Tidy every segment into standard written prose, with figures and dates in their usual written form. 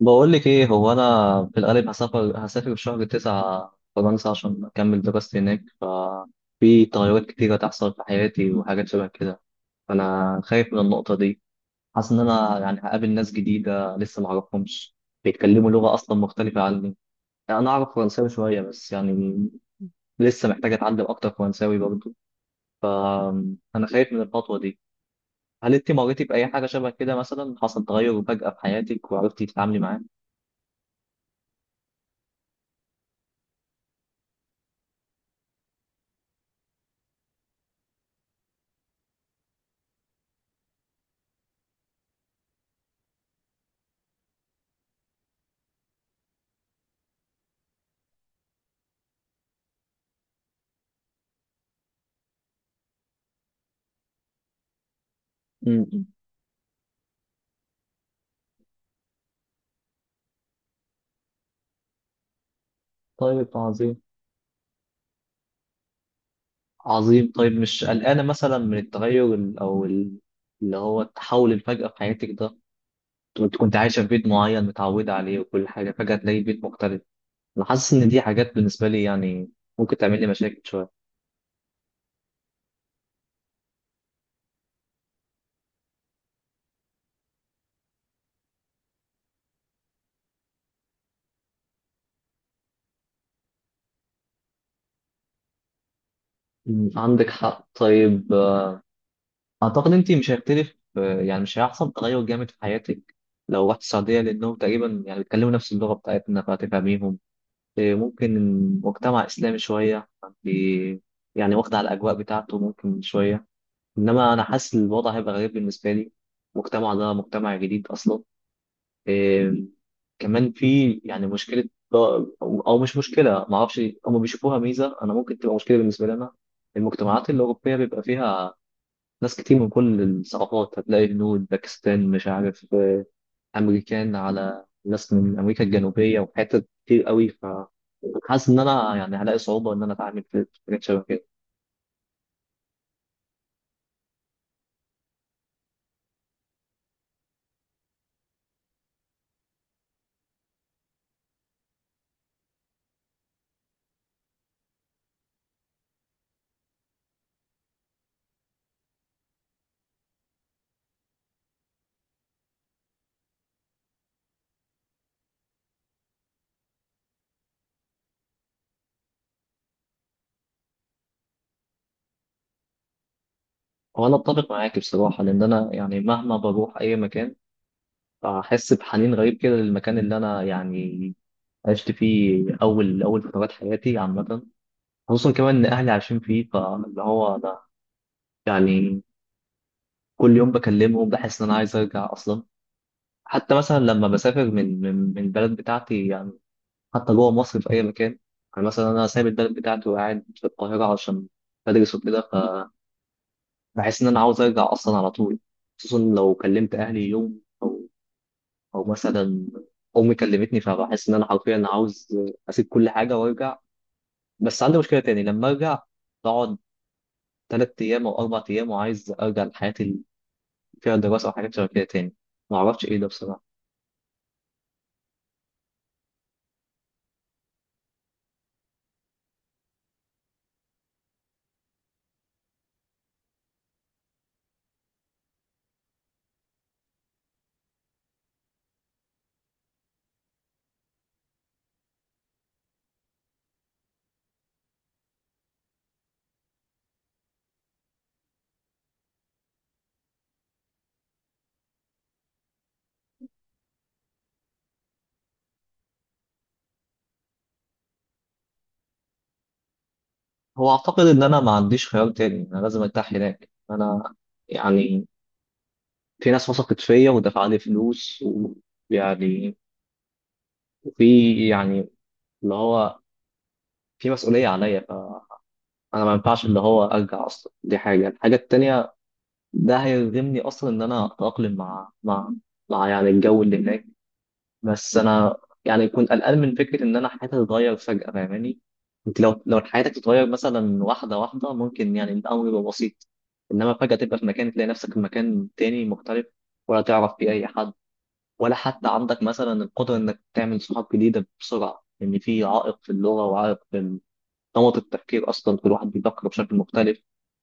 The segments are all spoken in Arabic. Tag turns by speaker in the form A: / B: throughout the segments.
A: بقول لك ايه؟ هو انا في الغالب هسافر في شهر 9 فرنسا عشان اكمل دراستي هناك. ففي تغيرات كتيرة تحصل في حياتي وحاجات شبه كده، فانا خايف من النقطة دي. حاسس ان انا يعني هقابل ناس جديدة لسه ما اعرفهمش، بيتكلموا لغة اصلا مختلفة عني. انا اعرف فرنساوي شوية بس يعني لسه محتاج اتعلم اكتر فرنساوي برضه. انا خايف من الخطوة دي. هل انت مريتي بأي حاجة شبه كده، مثلا حصل تغير فجأة في حياتك وعرفتي تتعاملي معاه؟ م- م. طيب، عظيم. عظيم. طيب، مش قلقانة مثلا من التغير اللي هو التحول الفجأة في حياتك ده؟ كنت عايشة في بيت معين متعودة عليه، وكل حاجة فجأة تلاقي بيت مختلف. أنا حاسس إن دي حاجات بالنسبة لي يعني ممكن تعمل لي مشاكل شوية. عندك حق. طيب، أعتقد أنت مش هيختلف، يعني مش هيحصل تغير جامد في حياتك لو رحت السعودية، لأنهم تقريبا يعني بيتكلموا نفس اللغة بتاعتنا فهتفهميهم. ممكن مجتمع إسلامي شوية، فأنت يعني واخدة على الأجواء بتاعته ممكن شوية. انما انا حاسس الوضع هيبقى غريب بالنسبه لي. المجتمع ده مجتمع جديد اصلا. إيه. كمان في يعني مشكله او مش مشكله ما اعرفش، هم بيشوفوها ميزه، انا ممكن تبقى مشكله بالنسبه لنا. المجتمعات الاوروبيه بيبقى فيها ناس كتير من كل الثقافات، هتلاقي هنود، باكستان، مش عارف، امريكان، على ناس من امريكا الجنوبيه وحتت كتير قوي. ف حاسس ان انا يعني هلاقي صعوبه ان انا اتعامل في حاجات شبه كده. هو انا اتفق معاك بصراحه، لان انا يعني مهما بروح اي مكان فأحس بحنين غريب كده للمكان اللي أنا يعني عشت فيه أول أول فترات حياتي عامة. خصوصا كمان إن أهلي عايشين فيه، فاللي هو أنا يعني كل يوم بكلمهم بحس إن أنا عايز أرجع أصلا. حتى مثلا لما بسافر من البلد بتاعتي يعني، حتى جوه مصر في أي مكان، يعني مثلا أنا سايب البلد بتاعتي وقاعد في القاهرة عشان بدرس وكده، فبحس إن أنا عاوز أرجع أصلا على طول. خصوصا لو كلمت أهلي يوم، او مثلا امي كلمتني، فبحس ان انا حرفيا عاوز اسيب كل حاجه وارجع. بس عندي مشكله تاني لما ارجع، بقعد 3 ايام او 4 ايام وعايز ارجع لحياتي اللي فيها دراسه او حاجات شبه كده تاني. ما اعرفش ايه ده بصراحه. هو اعتقد ان انا ما عنديش خيار تاني، انا لازم ارتاح هناك. انا يعني في ناس وثقت فيا ودفع لي فلوس، ويعني، وفي يعني اللي هو في مسؤوليه عليا، فانا ما ينفعش اللي هو ارجع اصلا. دي حاجه. الحاجه التانيه، ده هيلزمني اصلا ان انا اتاقلم مع يعني الجو اللي هناك. بس انا يعني كنت قلقان من فكره ان انا حياتي تتغير فجاه. فاهماني؟ انت لو حياتك تتغير مثلا واحده واحده ممكن يعني الامر يبقى بسيط، انما فجاه تبقى في مكان، تلاقي نفسك في مكان تاني مختلف، ولا تعرف فيه اي حد، ولا حتى عندك مثلا القدره انك تعمل صحاب جديده بسرعه، لان في عائق في اللغه وعائق في نمط التفكير. اصلا كل واحد بيفكر بشكل مختلف.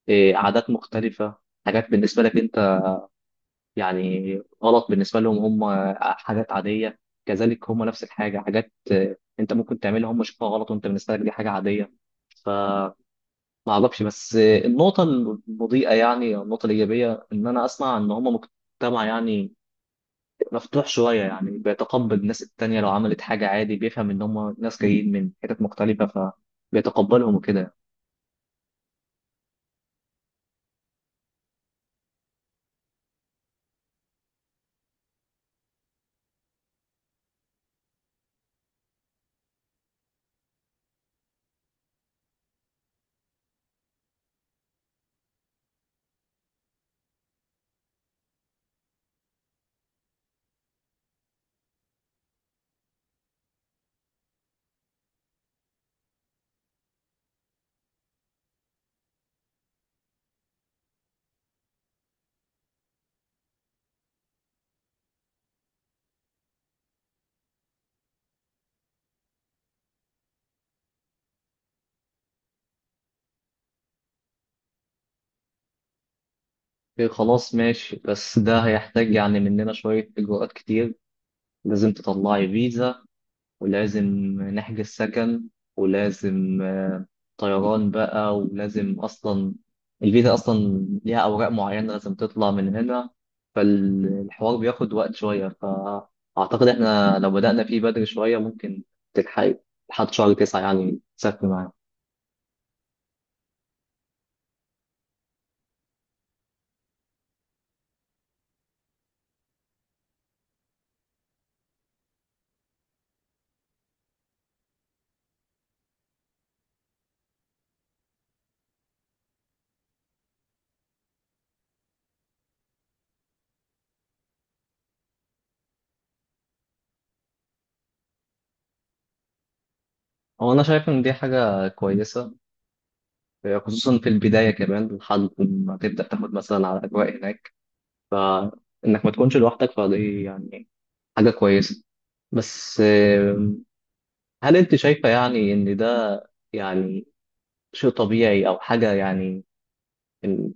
A: إيه، عادات مختلفه. حاجات بالنسبه لك انت يعني غلط بالنسبة لهم، هم حاجات عادية. كذلك هم نفس الحاجة، حاجات انت ممكن تعملها هم شايفها غلط، وانت بالنسبة لك دي حاجة عادية. فما اعرفش، بس النقطة المضيئة يعني أو النقطة الإيجابية ان انا اسمع ان هم مجتمع يعني مفتوح شوية، يعني بيتقبل الناس التانية. لو عملت حاجة عادي بيفهم ان هم ناس جايين من حتت مختلفة، فبيتقبلهم وكده. إيه، خلاص ماشي. بس ده هيحتاج يعني مننا شوية إجراءات كتير. لازم تطلعي فيزا، ولازم نحجز سكن، ولازم طيران بقى، ولازم أصلا الفيزا أصلا ليها أوراق معينة لازم تطلع من هنا. فالحوار بياخد وقت شوية، فأعتقد إحنا لو بدأنا فيه بدري شوية ممكن تلحق لحد شهر 9 يعني تسافر معانا. هو أنا شايف إن دي حاجة كويسة، خصوصا في البداية، كمان لحد ما تبدأ تاخد مثلا على الأجواء هناك، فإنك ما تكونش لوحدك. فدي يعني حاجة كويسة. بس هل انت شايفة يعني ان ده يعني شيء طبيعي او حاجة يعني ال...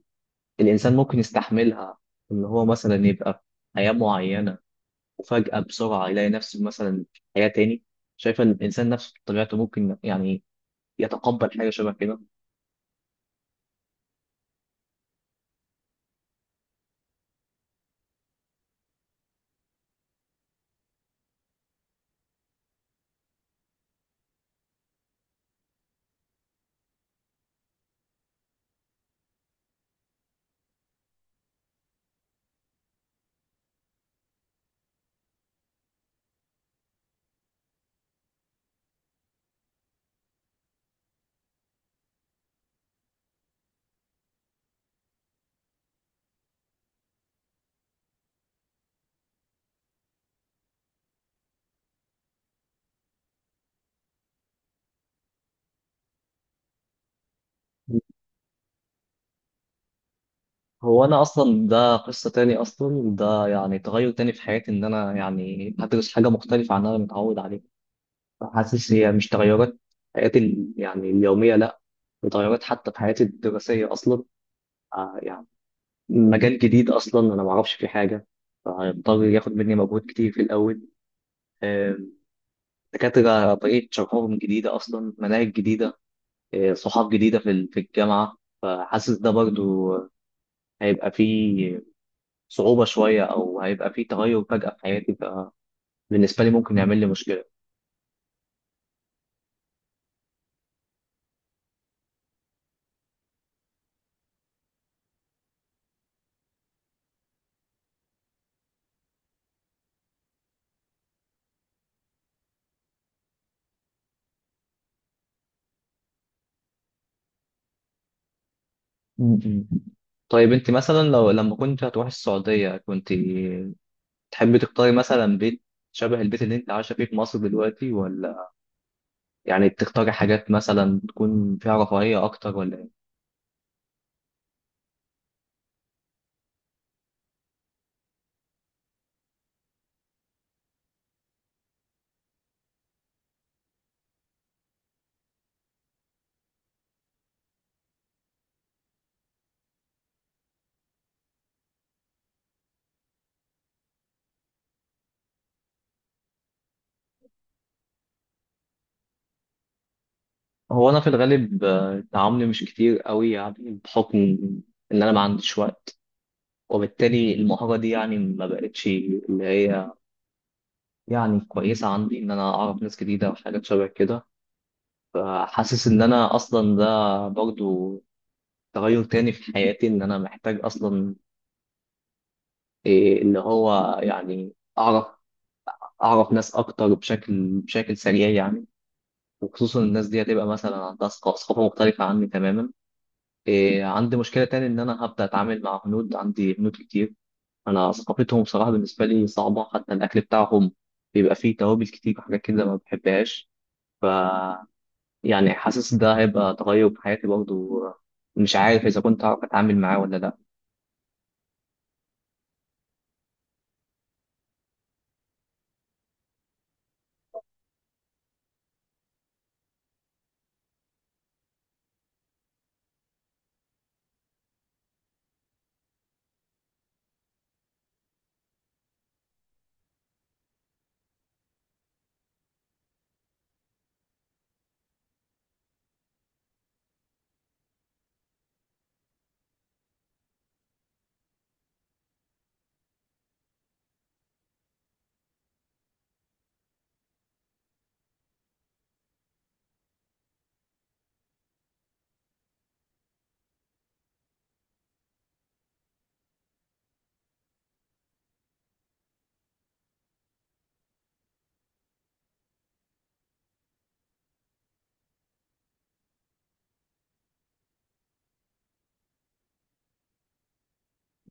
A: الانسان ممكن يستحملها؟ ان هو مثلا يبقى في حياة معينة، وفجأة بسرعة يلاقي نفسه مثلا في حياة تاني. شايفة ان الانسان نفسه بطبيعته ممكن يعني يتقبل حاجة شبه كده؟ هو انا اصلا ده قصة تاني اصلا. ده يعني تغير تاني في حياتي، ان انا يعني هدرس حاجة مختلفة عن اللي انا متعود عليه. حاسس هي مش تغيرات حياتي يعني اليومية لا، تغيرات حتى في حياتي الدراسية اصلا. يعني مجال جديد اصلا انا ما اعرفش فيه حاجه، فهيضطر ياخد مني مجهود كتير في الاول. آه، دكاتره طريقه شرحهم جديده اصلا، مناهج جديده، صحاب جديده في الجامعه. فحاسس ده برضو هيبقى فيه صعوبه شويه او هيبقى فيه تغير فجاه في حياتي، فبالنسبه لي ممكن يعمل لي مشكله. م-م. طيب، انت مثلا لو لما كنت هتروحي السعوديه، كنت تحبي تختاري مثلا بيت شبه البيت اللي انت عايشه فيه في مصر دلوقتي، ولا يعني بتختاري حاجات مثلا تكون فيها رفاهية أكتر، ولا إيه؟ هو أنا في الغالب تعاملي مش كتير قوي، يعني بحكم إن أنا ما عنديش وقت، وبالتالي المهارة دي يعني ما بقتش اللي هي يعني كويسة عندي. إن أنا أعرف ناس جديدة وحاجات شبه كده، فحاسس إن أنا أصلا ده برضو تغير تاني في حياتي. إن أنا محتاج أصلا إيه اللي هو يعني أعرف أعرف ناس أكتر بشكل سريع يعني. وخصوصا الناس دي هتبقى مثلا عندها ثقافة مختلفة عني تماما. إيه، عندي مشكلة تاني إن أنا هبدأ أتعامل مع هنود، عندي هنود كتير، أنا ثقافتهم بصراحة بالنسبة لي صعبة، حتى الأكل بتاعهم بيبقى فيه توابل كتير وحاجات كده ما بحبهاش. ف يعني حاسس ده هيبقى تغير في حياتي برضه، مش عارف إذا كنت هعرف أتعامل معاه ولا لأ.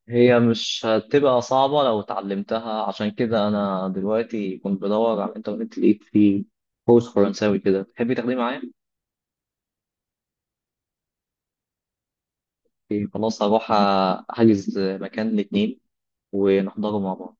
A: هي مش هتبقى صعبة لو اتعلمتها، عشان كده أنا دلوقتي كنت بدور على الإنترنت، لقيت فيه كورس فرنساوي كده. تحبي تاخديه معايا؟ إيه، خلاص. هروح أحجز مكان الاتنين، ونحضره مع بعض.